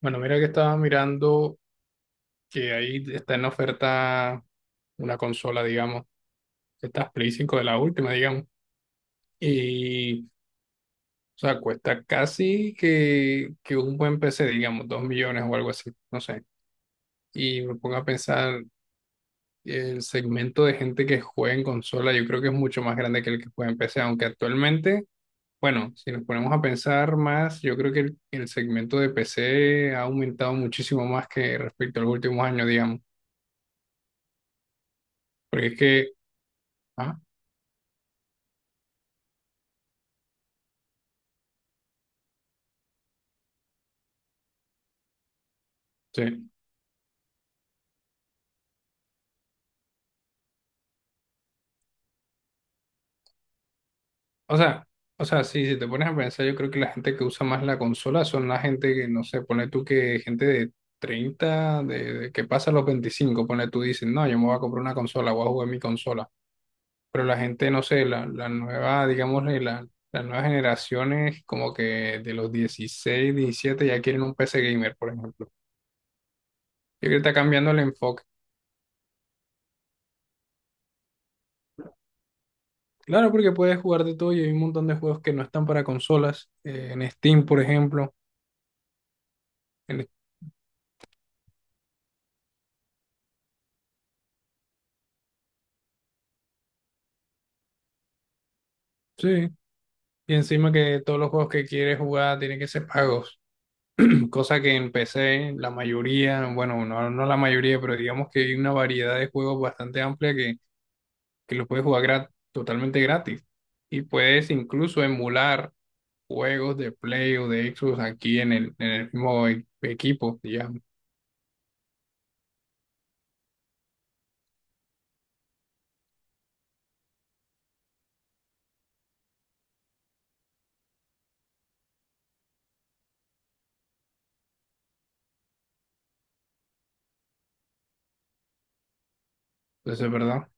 Bueno, mira que estaba mirando que ahí está en oferta una consola, digamos, esta Play 5 de la última, digamos, y, o sea, cuesta casi que un buen PC, digamos, 2 millones o algo así, no sé. Y me pongo a pensar, el segmento de gente que juega en consola, yo creo que es mucho más grande que el que juega en PC, aunque actualmente, bueno, si nos ponemos a pensar más, yo creo que el segmento de PC ha aumentado muchísimo más que respecto a los últimos años, digamos. Porque es que. Ajá. Sí. O sea, o sea, sí, si te pones a pensar, yo creo que la gente que usa más la consola son la gente que, no sé, pone tú que gente de 30 de que pasa los 25, pone tú, dicen, no, yo me voy a comprar una consola, voy a jugar mi consola. Pero la gente, no sé, la nueva, digamos, las nuevas generaciones, como que de los 16 17, ya quieren un PC gamer, por ejemplo. Yo creo que está cambiando el enfoque. Claro, porque puedes jugar de todo y hay un montón de juegos que no están para consolas, en Steam, por ejemplo. En, sí. Y encima que todos los juegos que quieres jugar tienen que ser pagos, cosa que en PC la mayoría, bueno, no, no la mayoría, pero digamos que hay una variedad de juegos bastante amplia que los puedes jugar totalmente gratis. Y puedes incluso emular juegos de Play o de Xbox aquí en el mismo equipo, digamos. Entonces, es ¿verdad?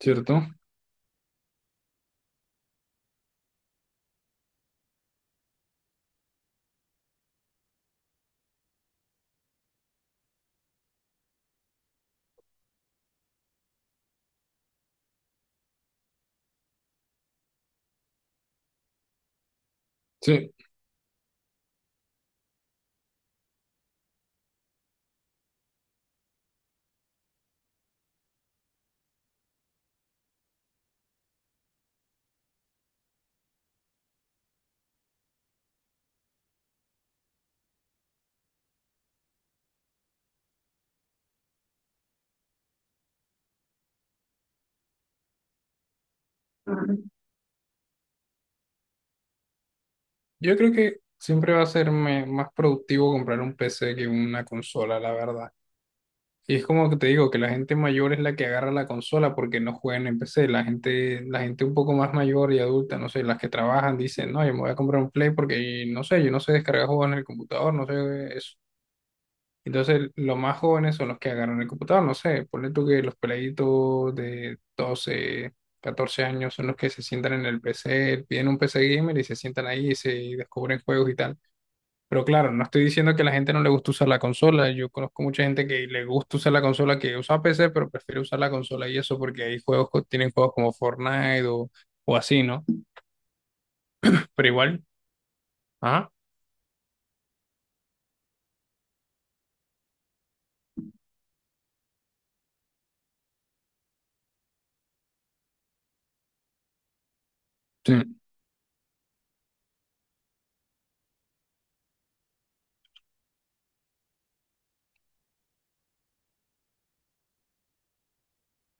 ¿Cierto? Sí. Yo creo que siempre va a ser más productivo comprar un PC que una consola, la verdad. Y es como que te digo, que la gente mayor es la que agarra la consola porque no juegan en PC. La gente un poco más mayor y adulta, no sé, las que trabajan dicen, no, yo me voy a comprar un Play porque, no sé, yo no sé descargar juegos en el computador, no sé eso. Entonces, los más jóvenes son los que agarran el computador, no sé, ponle tú que los peladitos de 12 14 años son los que se sientan en el PC, piden un PC gamer y se sientan ahí y se descubren juegos y tal. Pero claro, no estoy diciendo que a la gente no le gusta usar la consola. Yo conozco mucha gente que le gusta usar la consola, que usa PC, pero prefiere usar la consola y eso porque hay juegos, tienen juegos como Fortnite o así, ¿no? Pero igual, ajá, sí.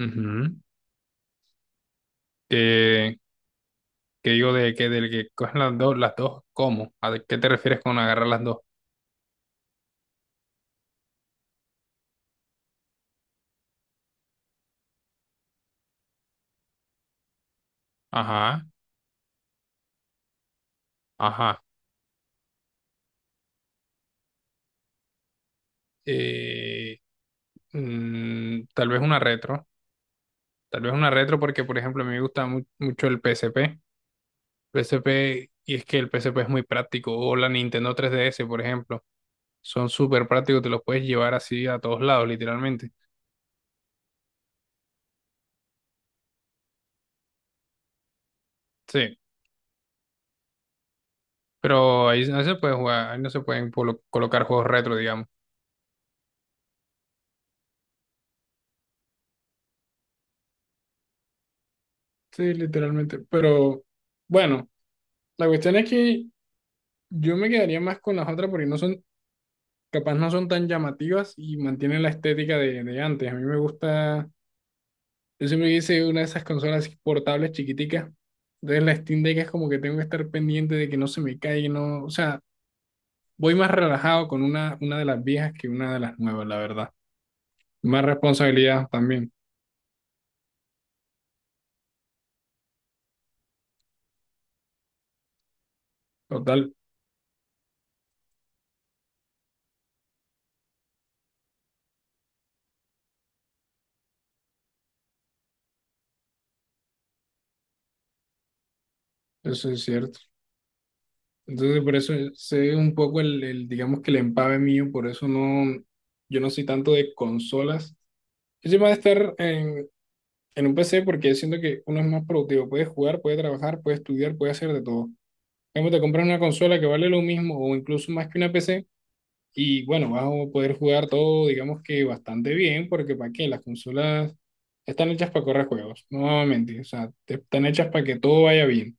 Ujú. Que, que digo de que del que cogen las dos, ¿cómo? ¿A de qué te refieres con agarrar las dos? Ajá, ajá. Eh, Tal vez una retro. Tal vez una retro porque, por ejemplo, a mí me gusta mucho el PSP. PSP, y es que el PSP es muy práctico, o la Nintendo 3DS, por ejemplo, son súper prácticos, te los puedes llevar así a todos lados, literalmente. Sí, pero ahí no se puede jugar, ahí no se pueden colocar juegos retro, digamos. Sí, literalmente. Pero bueno, la cuestión es que yo me quedaría más con las otras porque no son, capaz no son tan llamativas y mantienen la estética de antes. A mí me gusta. Yo siempre hice una de esas consolas así portables chiquiticas. Entonces la Steam Deck es como que tengo que estar pendiente de que no se me caiga, no, o sea, voy más relajado con una de las viejas que una de las nuevas, la verdad. Más responsabilidad también, total, eso es cierto. Entonces por eso sé un poco el, digamos que el empave mío, por eso no, yo no soy tanto de consolas. Yo soy más de estar en un PC porque siento que uno es más productivo, puede jugar, puede trabajar, puede estudiar, puede hacer de todo. Cambio, te compras una consola que vale lo mismo o incluso más que una PC y, bueno, vas a poder jugar todo, digamos que bastante bien, porque para qué, las consolas están hechas para correr juegos, no vamos a mentir, o sea, están hechas para que todo vaya bien,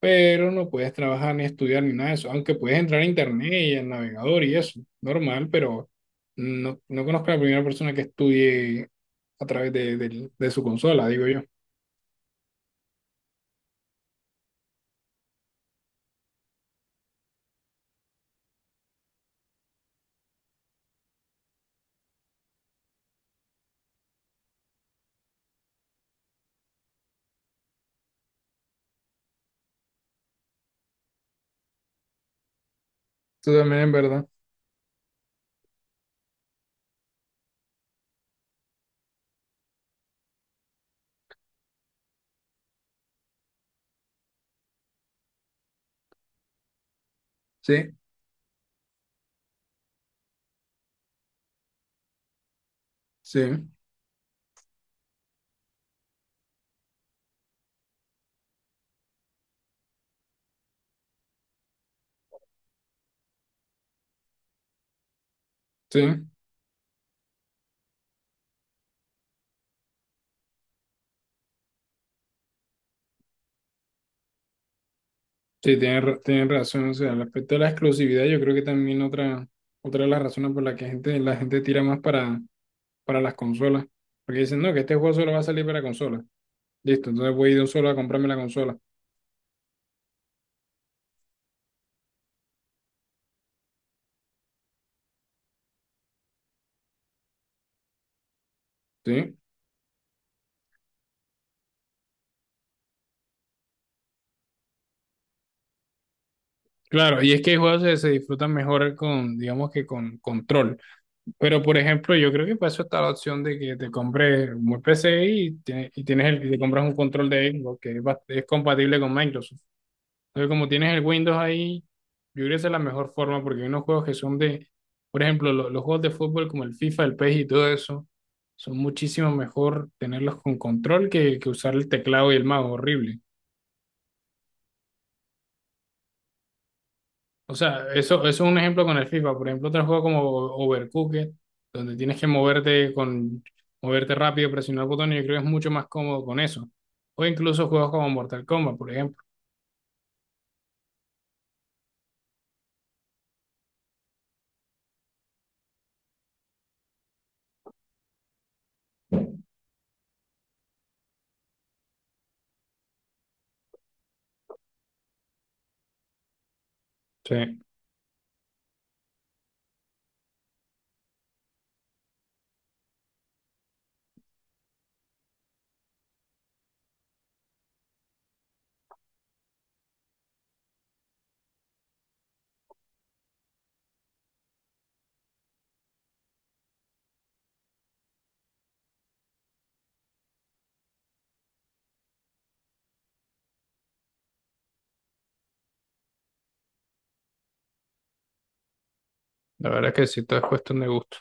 pero no puedes trabajar ni estudiar ni nada de eso, aunque puedes entrar a internet y al navegador y eso, normal, pero no, no conozco a la primera persona que estudie a través de su consola, digo yo. Tú también, en verdad. Sí, sí, sí. Sí, tienen, tienen razón. O sea, el aspecto de la exclusividad, yo creo que también otra de las razones por las que la gente tira más para las consolas. Porque dicen, no, que este juego solo va a salir para consolas. Listo, entonces voy a ir de un solo a comprarme la consola. Sí. Claro, y es que hay juegos que se disfrutan mejor con, digamos que con control. Pero, por ejemplo, yo creo que para eso está la opción de que te compres un PC y, y te compras un control de Xbox que es, es compatible con Microsoft. Entonces, como tienes el Windows ahí, yo creo que esa es la mejor forma porque hay unos juegos que son de, por ejemplo, los juegos de fútbol como el FIFA, el PES y todo eso, son muchísimo mejor tenerlos con control que usar el teclado y el mouse, horrible. O sea, eso es un ejemplo con el FIFA. Por ejemplo, otro juego como Overcooked, donde tienes que moverte rápido, presionar botones, yo creo que es mucho más cómodo con eso. O incluso juegos como Mortal Kombat, por ejemplo. Sí, la verdad es que sí, todo es cuestión de gusto.